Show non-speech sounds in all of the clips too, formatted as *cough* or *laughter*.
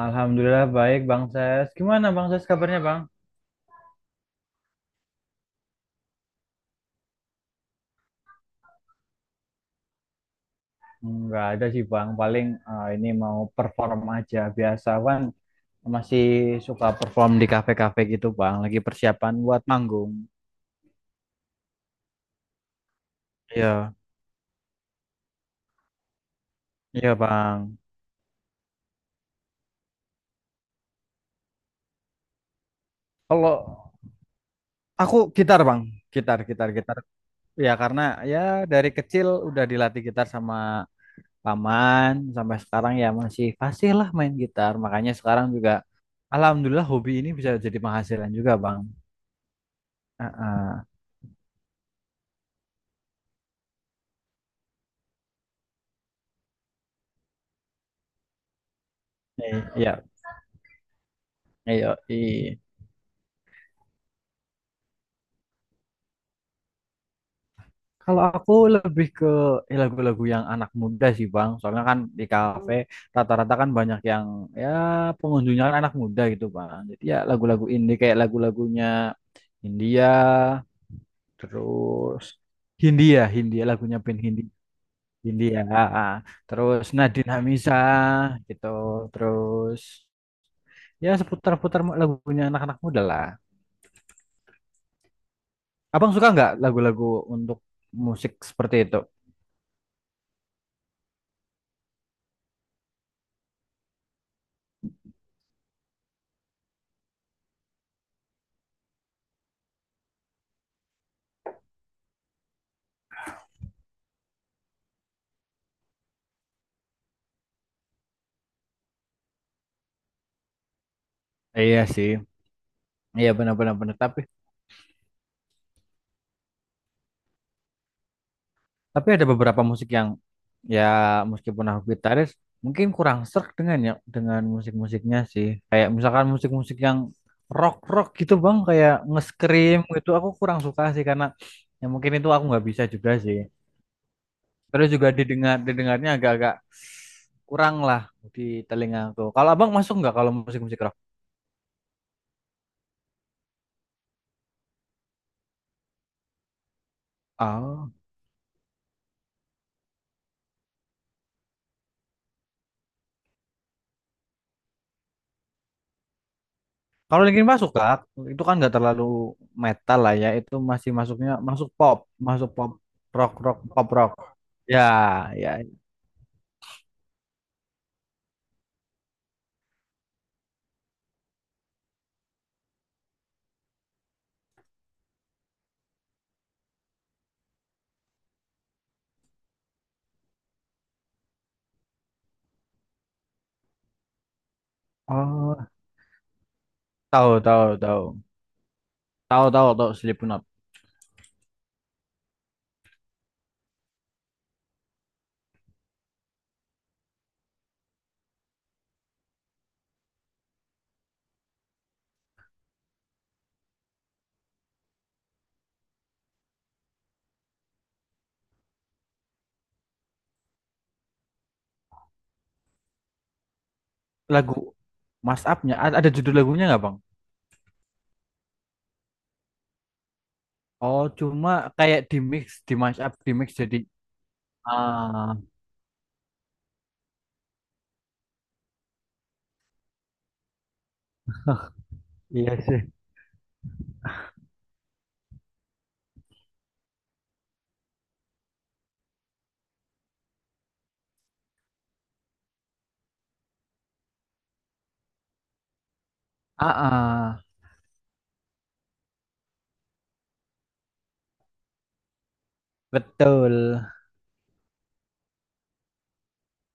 Alhamdulillah baik Bang Ses. Gimana Bang Ses kabarnya Bang? Nggak ada sih Bang, paling ini mau perform aja biasa kan masih suka perform di kafe-kafe gitu Bang, lagi persiapan buat manggung. Iya, iya Bang. Kalau aku gitar Bang, gitar, gitar, gitar. Ya karena ya dari kecil udah dilatih gitar sama paman, sampai sekarang ya masih fasih lah main gitar. Makanya sekarang juga Alhamdulillah hobi ini bisa jadi penghasilan juga Bang. Heeh. Iya, iya, iya. Kalau aku lebih ke lagu-lagu yang anak muda sih Bang. Soalnya kan di kafe rata-rata kan banyak yang ya pengunjungnya kan anak muda gitu Bang. Jadi ya lagu-lagu indie kayak lagu-lagunya India, terus Hindia, Hindia lagunya band Hindi, Hindia, ah, ah. Terus Nadine Amizah gitu, terus ya seputar-putar lagunya anak-anak muda lah. Abang suka nggak lagu-lagu untuk musik seperti itu? Iya sih, iya benar-benar benar. Tapi ada beberapa musik yang ya meskipun aku gitaris mungkin kurang serk dengan musik-musiknya sih. Kayak misalkan musik-musik yang rock-rock gitu bang, kayak nge-scream gitu aku kurang suka sih karena ya mungkin itu aku nggak bisa juga sih. Terus juga didengarnya agak-agak kurang lah di telinga aku. Kalau abang masuk nggak kalau musik-musik rock? Ah. Kalau Linkin Park suka, itu kan nggak terlalu metal lah ya, itu masih masuknya masuk pop rock rock pop rock. Ya, ya. Oh, tahu tahu tahu. Tahu tahu tahu Slipknot. Lagu Mas Up-nya ada judul lagunya nggak, Bang? Oh, cuma kayak di mix, di mash up, di mix jadi ah iya sih. Ah, ah, betul.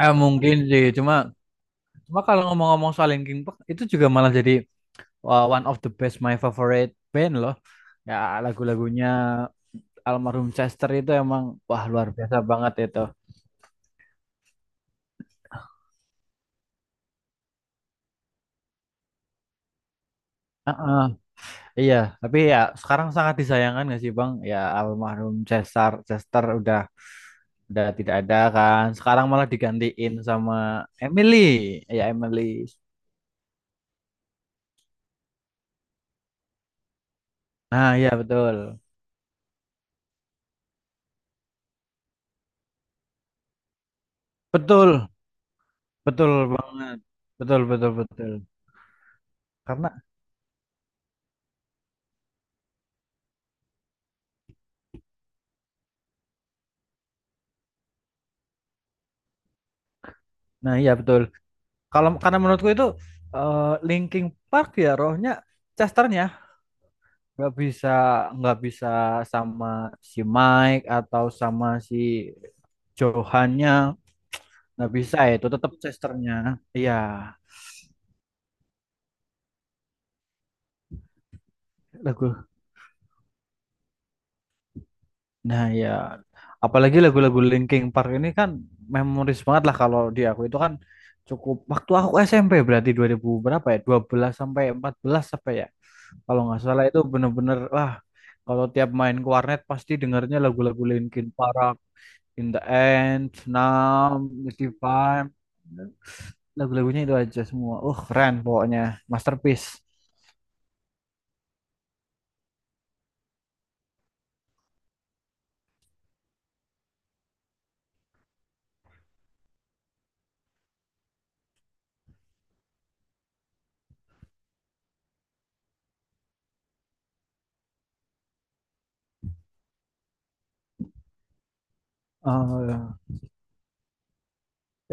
Eh mungkin sih, cuma cuma kalau ngomong-ngomong soal Linkin Park itu juga malah jadi one of the best my favorite band loh. Ya lagu-lagunya almarhum Chester itu emang wah luar biasa banget itu. Heeh, iya, tapi ya sekarang sangat disayangkan gak sih Bang? Ya almarhum Chester Chester udah tidak ada kan. Sekarang malah digantiin sama Emily. Ya Emily. Nah, iya betul. Betul, betul banget. Betul, betul, betul. Karena nah iya betul. Kalau karena menurutku itu eh, Linkin Park ya rohnya Chesternya nggak bisa nggak bisa sama si Mike atau sama si Johannya nggak bisa ya, itu tetap Chesternya iya lagu nah ya apalagi lagu-lagu Linkin Park ini kan memoris banget lah kalau di aku itu kan cukup waktu aku SMP berarti 2000 berapa ya 12 sampai 14 apa ya kalau nggak salah itu bener-bener wah kalau tiap main ke warnet pasti dengarnya lagu-lagu Linkin Park In the End, Numb, Mystify lagu-lagunya itu aja semua. Keren pokoknya, masterpiece.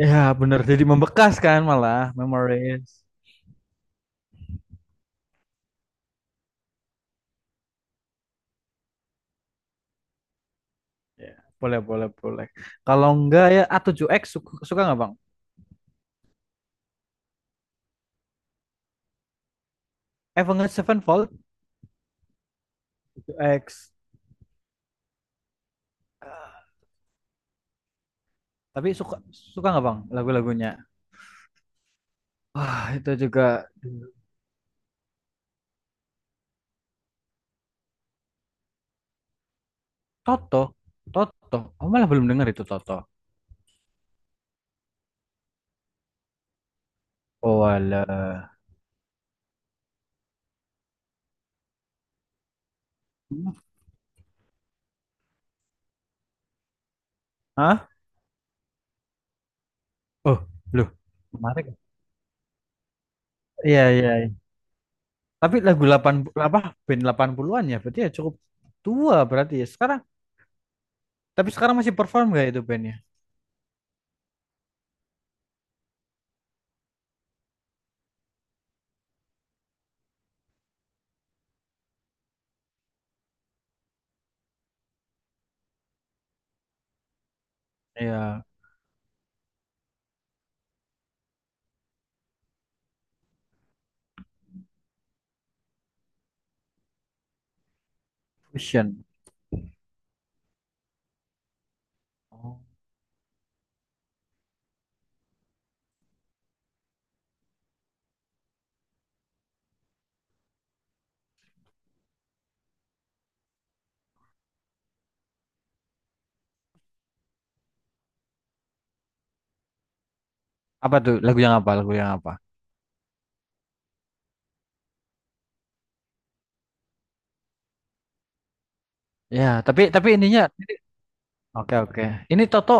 Ya bener, jadi membekas kan malah memories. Ya, boleh, boleh, boleh. Kalau enggak ya A7X suka, suka nggak Bang? Avenged Sevenfold X. Tapi suka suka nggak Bang lagu-lagunya? Wah, itu juga Toto, Toto. Oh, malah belum dengar itu Toto. Oh, alah. Hah? Oh, loh. Menarik. Iya, iya. Tapi lagu 80 apa band 80-an ya berarti ya cukup tua berarti ya sekarang. Tapi sekarang masih perform gak itu bandnya? Ya, Fusion. Oh. Apa tuh lagu yang apa? Lagu yang apa? Ya, tapi ininya oke oke. Ini Toto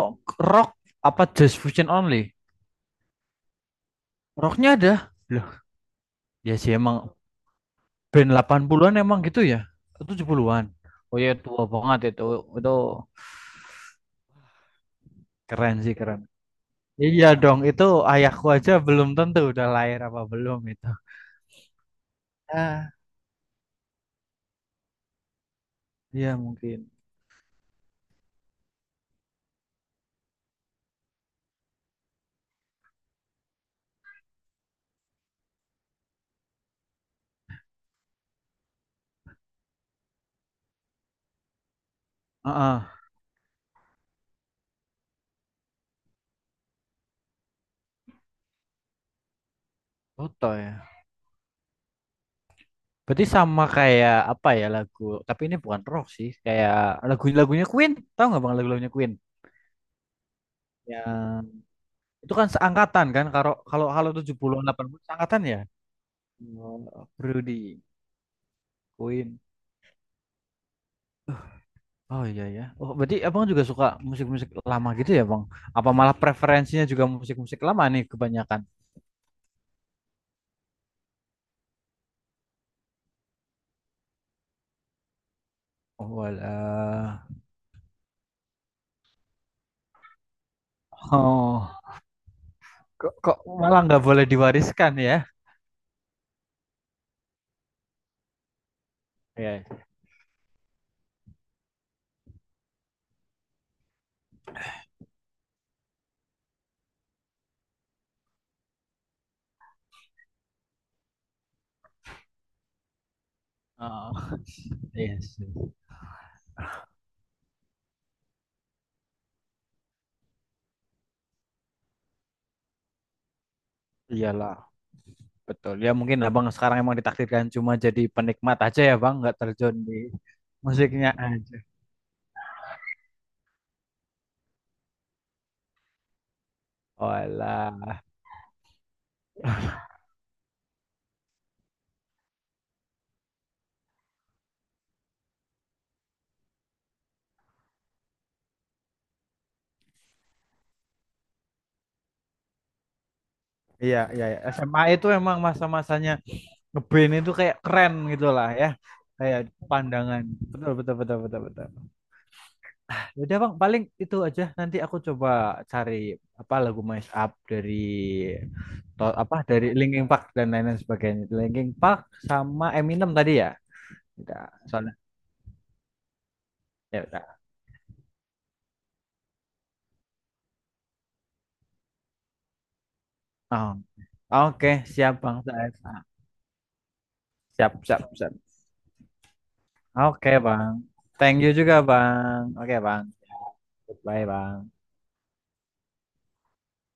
rock apa just fusion only? Rocknya ada. Loh, ya sih emang band 80-an emang gitu ya. 70-an. Oh ya tua banget itu. Itu keren sih keren. Iya dong, itu ayahku aja belum tentu udah lahir apa belum itu. Ah. Iya mungkin. Heeh. Toto ya. Berarti sama kayak apa ya lagu, tapi ini bukan rock sih, kayak lagu-lagunya Queen. Tahu nggak Bang lagu-lagunya Queen? Yang itu kan seangkatan kan kalau kalau kalau 78 80 seangkatan ya. Oh, Rudy, Queen. Oh iya ya. Oh, berarti Abang juga suka musik-musik lama gitu ya, Bang? Apa malah preferensinya juga musik-musik lama nih kebanyakan? Oh, walah. Oh, kok malah nggak boleh diwariskan ya? Iya. Oh, *laughs* yes. Iyalah, betul. Ya mungkin abang sekarang emang ditakdirkan cuma jadi penikmat aja ya bang, nggak terjun di musiknya aja. Olah. *laughs* Iya, iya, iya. SMA itu emang masa-masanya ngeband itu kayak keren gitu lah ya. Kayak pandangan. Betul, betul, betul, betul, betul. Ya udah bang, paling itu aja. Nanti aku coba cari apa lagu Mash Up dari to- apa dari Linkin Park dan lain-lain sebagainya. Linkin Park sama Eminem tadi ya. Udah, soalnya. Ya udah. Oh, oke, siap Bang Said. Siap, siap, siap. Oke, Bang. Thank you juga, Bang. Oke, Bang. Goodbye, Bang.